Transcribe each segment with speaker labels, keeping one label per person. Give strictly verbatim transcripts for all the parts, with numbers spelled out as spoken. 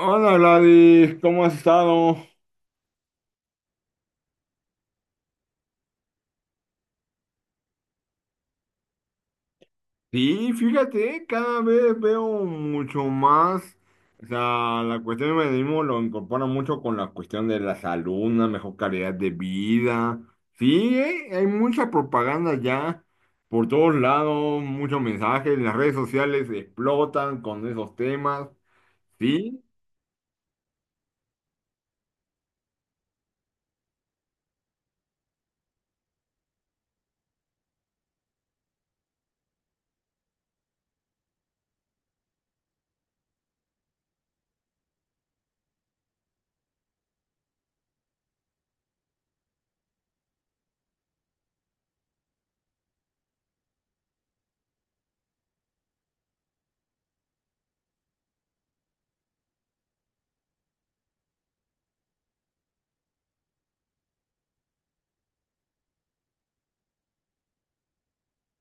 Speaker 1: Hola Gladys, ¿cómo has estado? Sí, fíjate, cada vez veo mucho más, o sea, la cuestión del veganismo lo incorpora mucho con la cuestión de la salud, una mejor calidad de vida. Sí, eh, hay mucha propaganda ya por todos lados, muchos mensajes, las redes sociales explotan con esos temas. Sí,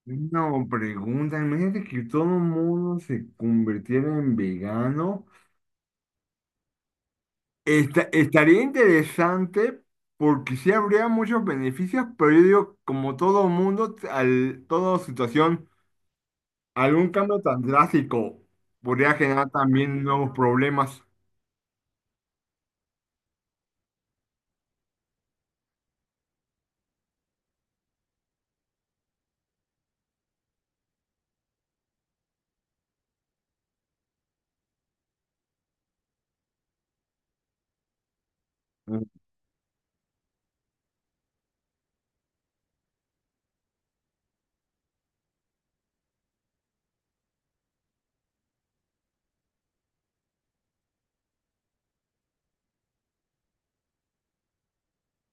Speaker 1: no, pregunta, imagínate que todo el mundo se convirtiera en vegano. Esta- estaría interesante porque sí habría muchos beneficios, pero yo digo, como todo mundo, al, toda situación, algún cambio tan drástico podría generar también nuevos problemas. Mm,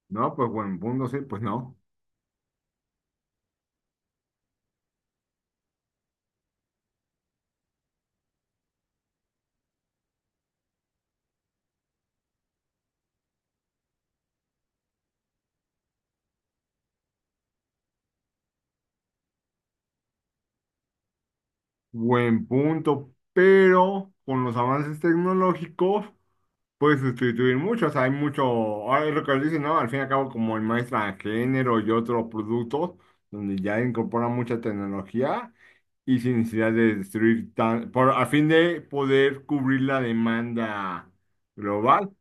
Speaker 1: No, pues buen punto, sí, pues no. Buen punto, pero con los avances tecnológicos puedes sustituir muchos. Hay mucho, ahora es lo que dicen, ¿no? Al fin y al cabo, como el maestra de género y otros productos, donde ya incorporan mucha tecnología. Y sin necesidad de destruir tan, por, a fin de poder cubrir la demanda global.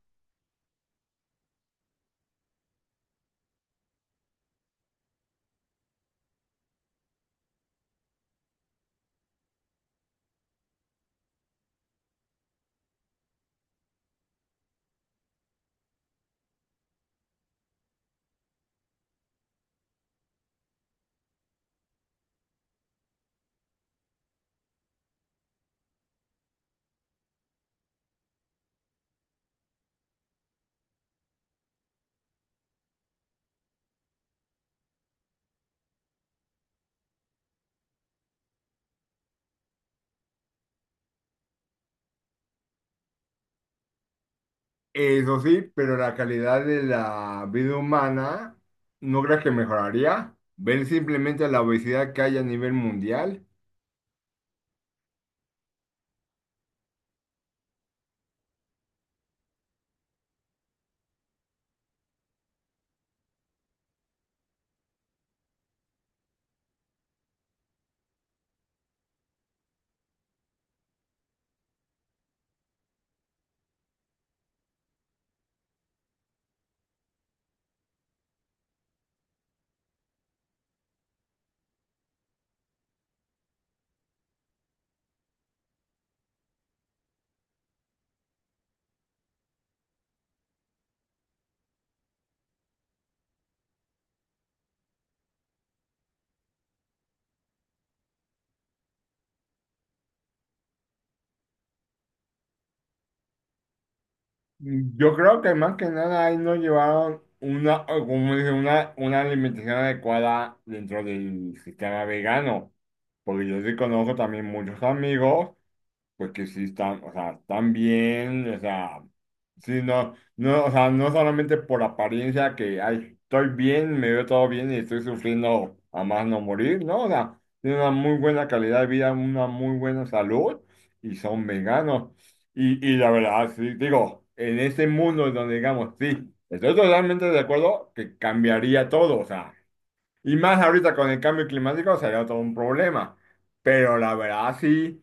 Speaker 1: Eso sí, pero la calidad de la vida humana no creo que mejoraría. Ver simplemente la obesidad que hay a nivel mundial. Yo creo que más que nada ahí no llevaron una, o como dice, una, una alimentación adecuada dentro del sistema vegano. Porque yo sí conozco también muchos amigos. Porque sí están, o sea, están bien, o sea, sí, no, no, o sea, no solamente por apariencia que, ay, estoy bien, me veo todo bien y estoy sufriendo a más no morir, ¿no? O sea, tienen una muy buena calidad de vida, una muy buena salud y son veganos. Y, y la verdad, sí, digo, en este mundo donde digamos, sí, estoy totalmente de acuerdo que cambiaría todo, o sea, y más ahorita con el cambio climático sería todo un problema, pero la verdad, sí.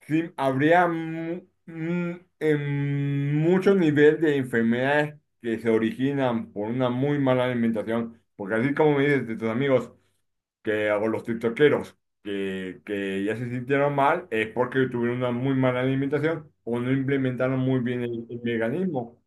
Speaker 1: Sí, habría mu- mm, em, mucho nivel de enfermedades que se originan por una muy mala alimentación, porque así como me dices de tus amigos que o los tiktokeros que, que ya se sintieron mal, es porque tuvieron una muy mala alimentación o no implementaron muy bien el, el veganismo.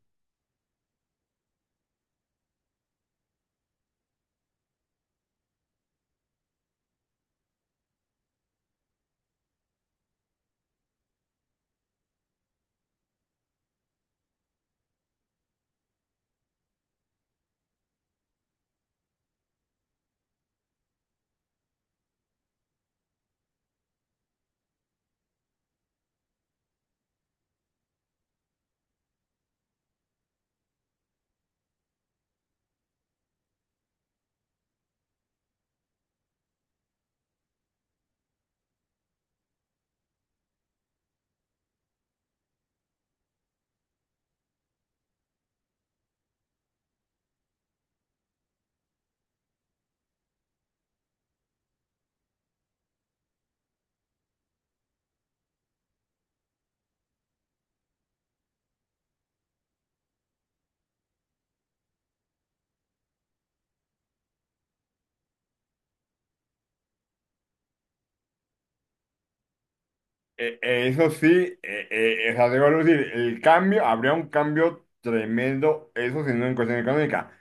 Speaker 1: Eh, eh, eso sí, eh, eh, o sea, debo decir, el cambio, habría un cambio tremendo, eso si no en cuestión económica.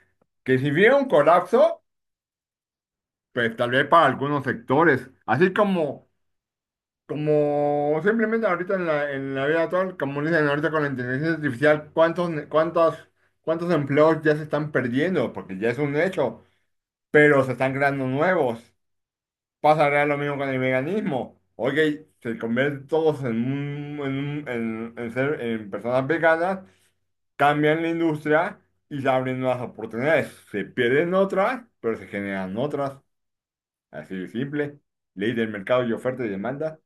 Speaker 1: Que si hubiera un colapso, pues tal vez para algunos sectores, así como, como simplemente ahorita en la, en la vida actual, como dicen ahorita con la inteligencia artificial, cuántos, ne- cuántos, cuántos empleos ya se están perdiendo, porque ya es un hecho, pero se están creando nuevos. Pasará lo mismo con el veganismo. Oye, se convierten todos en, un- en, un- en, en ser, en personas veganas, cambian la industria y se abren nuevas oportunidades. Se pierden otras, pero se generan otras. Así de simple. Ley del mercado y oferta y demanda.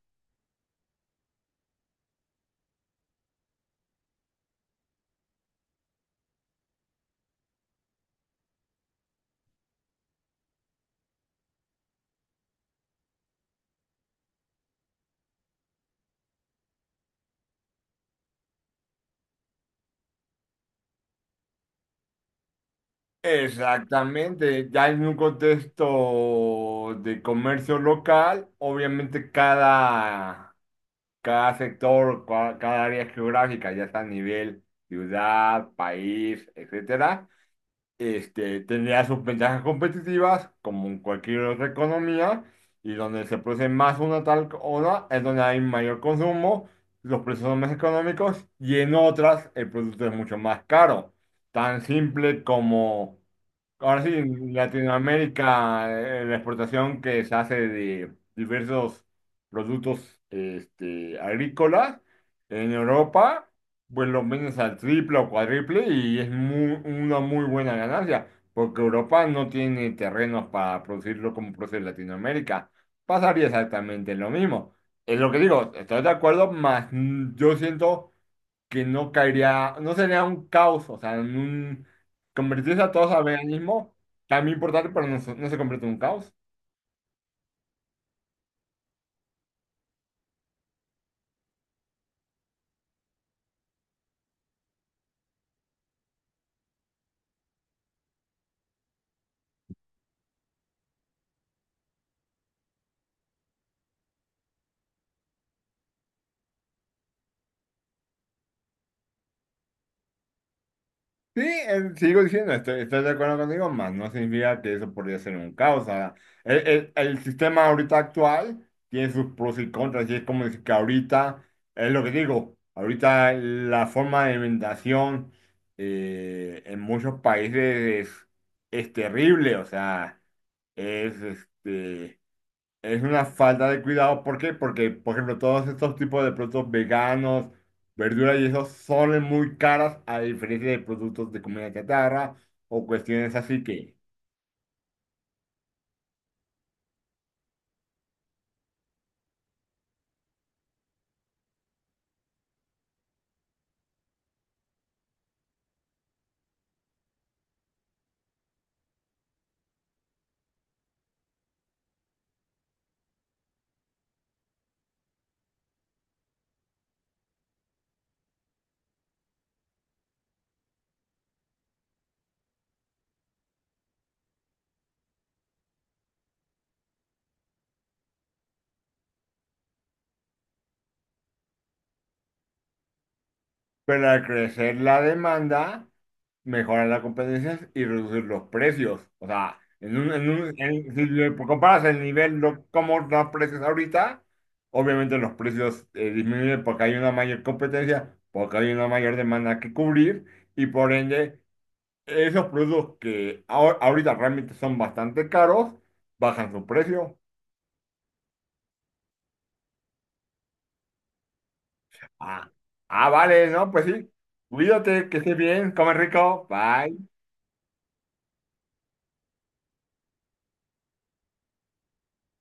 Speaker 1: Exactamente, ya en un contexto de comercio local, obviamente cada, cada sector, cua- cada área geográfica, ya sea a nivel ciudad, país, etcétera, este, tendría sus ventajas competitivas, como en cualquier otra economía, y donde se produce más una tal cosa es donde hay mayor consumo, los precios son más económicos, y en otras el producto es mucho más caro. Tan simple como, ahora sí, en Latinoamérica, eh, la exportación que se hace de diversos productos este, agrícolas, en Europa pues lo vendes al triple o cuádruple y es mu- una muy buena ganancia, porque Europa no tiene terrenos para producirlo como produce Latinoamérica. Pasaría exactamente lo mismo. Es lo que digo, estoy de acuerdo, más yo siento que no caería, no sería un caos, o sea, en un, convertirse a todos a veganismo, también importante, pero no, se- no se convierte en un caos. Sí, eh, sigo diciendo, estoy, estoy de acuerdo contigo, más no significa que eso podría ser un caos. O sea, el, el- el sistema ahorita actual tiene sus pros y contras, y es como decir que ahorita, es lo que digo, ahorita la forma de alimentación eh, en muchos países es, es terrible, o sea, es este. Es una falta de cuidado. ¿Por qué? Porque, por ejemplo, todos estos tipos de productos veganos, verduras y eso son muy caras a diferencia de productos de comida chatarra o cuestiones así que. Pero al crecer la demanda, mejoran las competencias y reducir los precios. O sea, en un, en un, en- si le comparas el nivel, lo, como los precios ahorita, obviamente los precios eh, disminuyen porque hay una mayor competencia, porque hay una mayor demanda que cubrir y por ende esos productos que ahor- ahorita realmente son bastante caros, bajan su precio. Ah, ah, vale, no, pues sí. Cuídate, que estés bien, come rico, bye.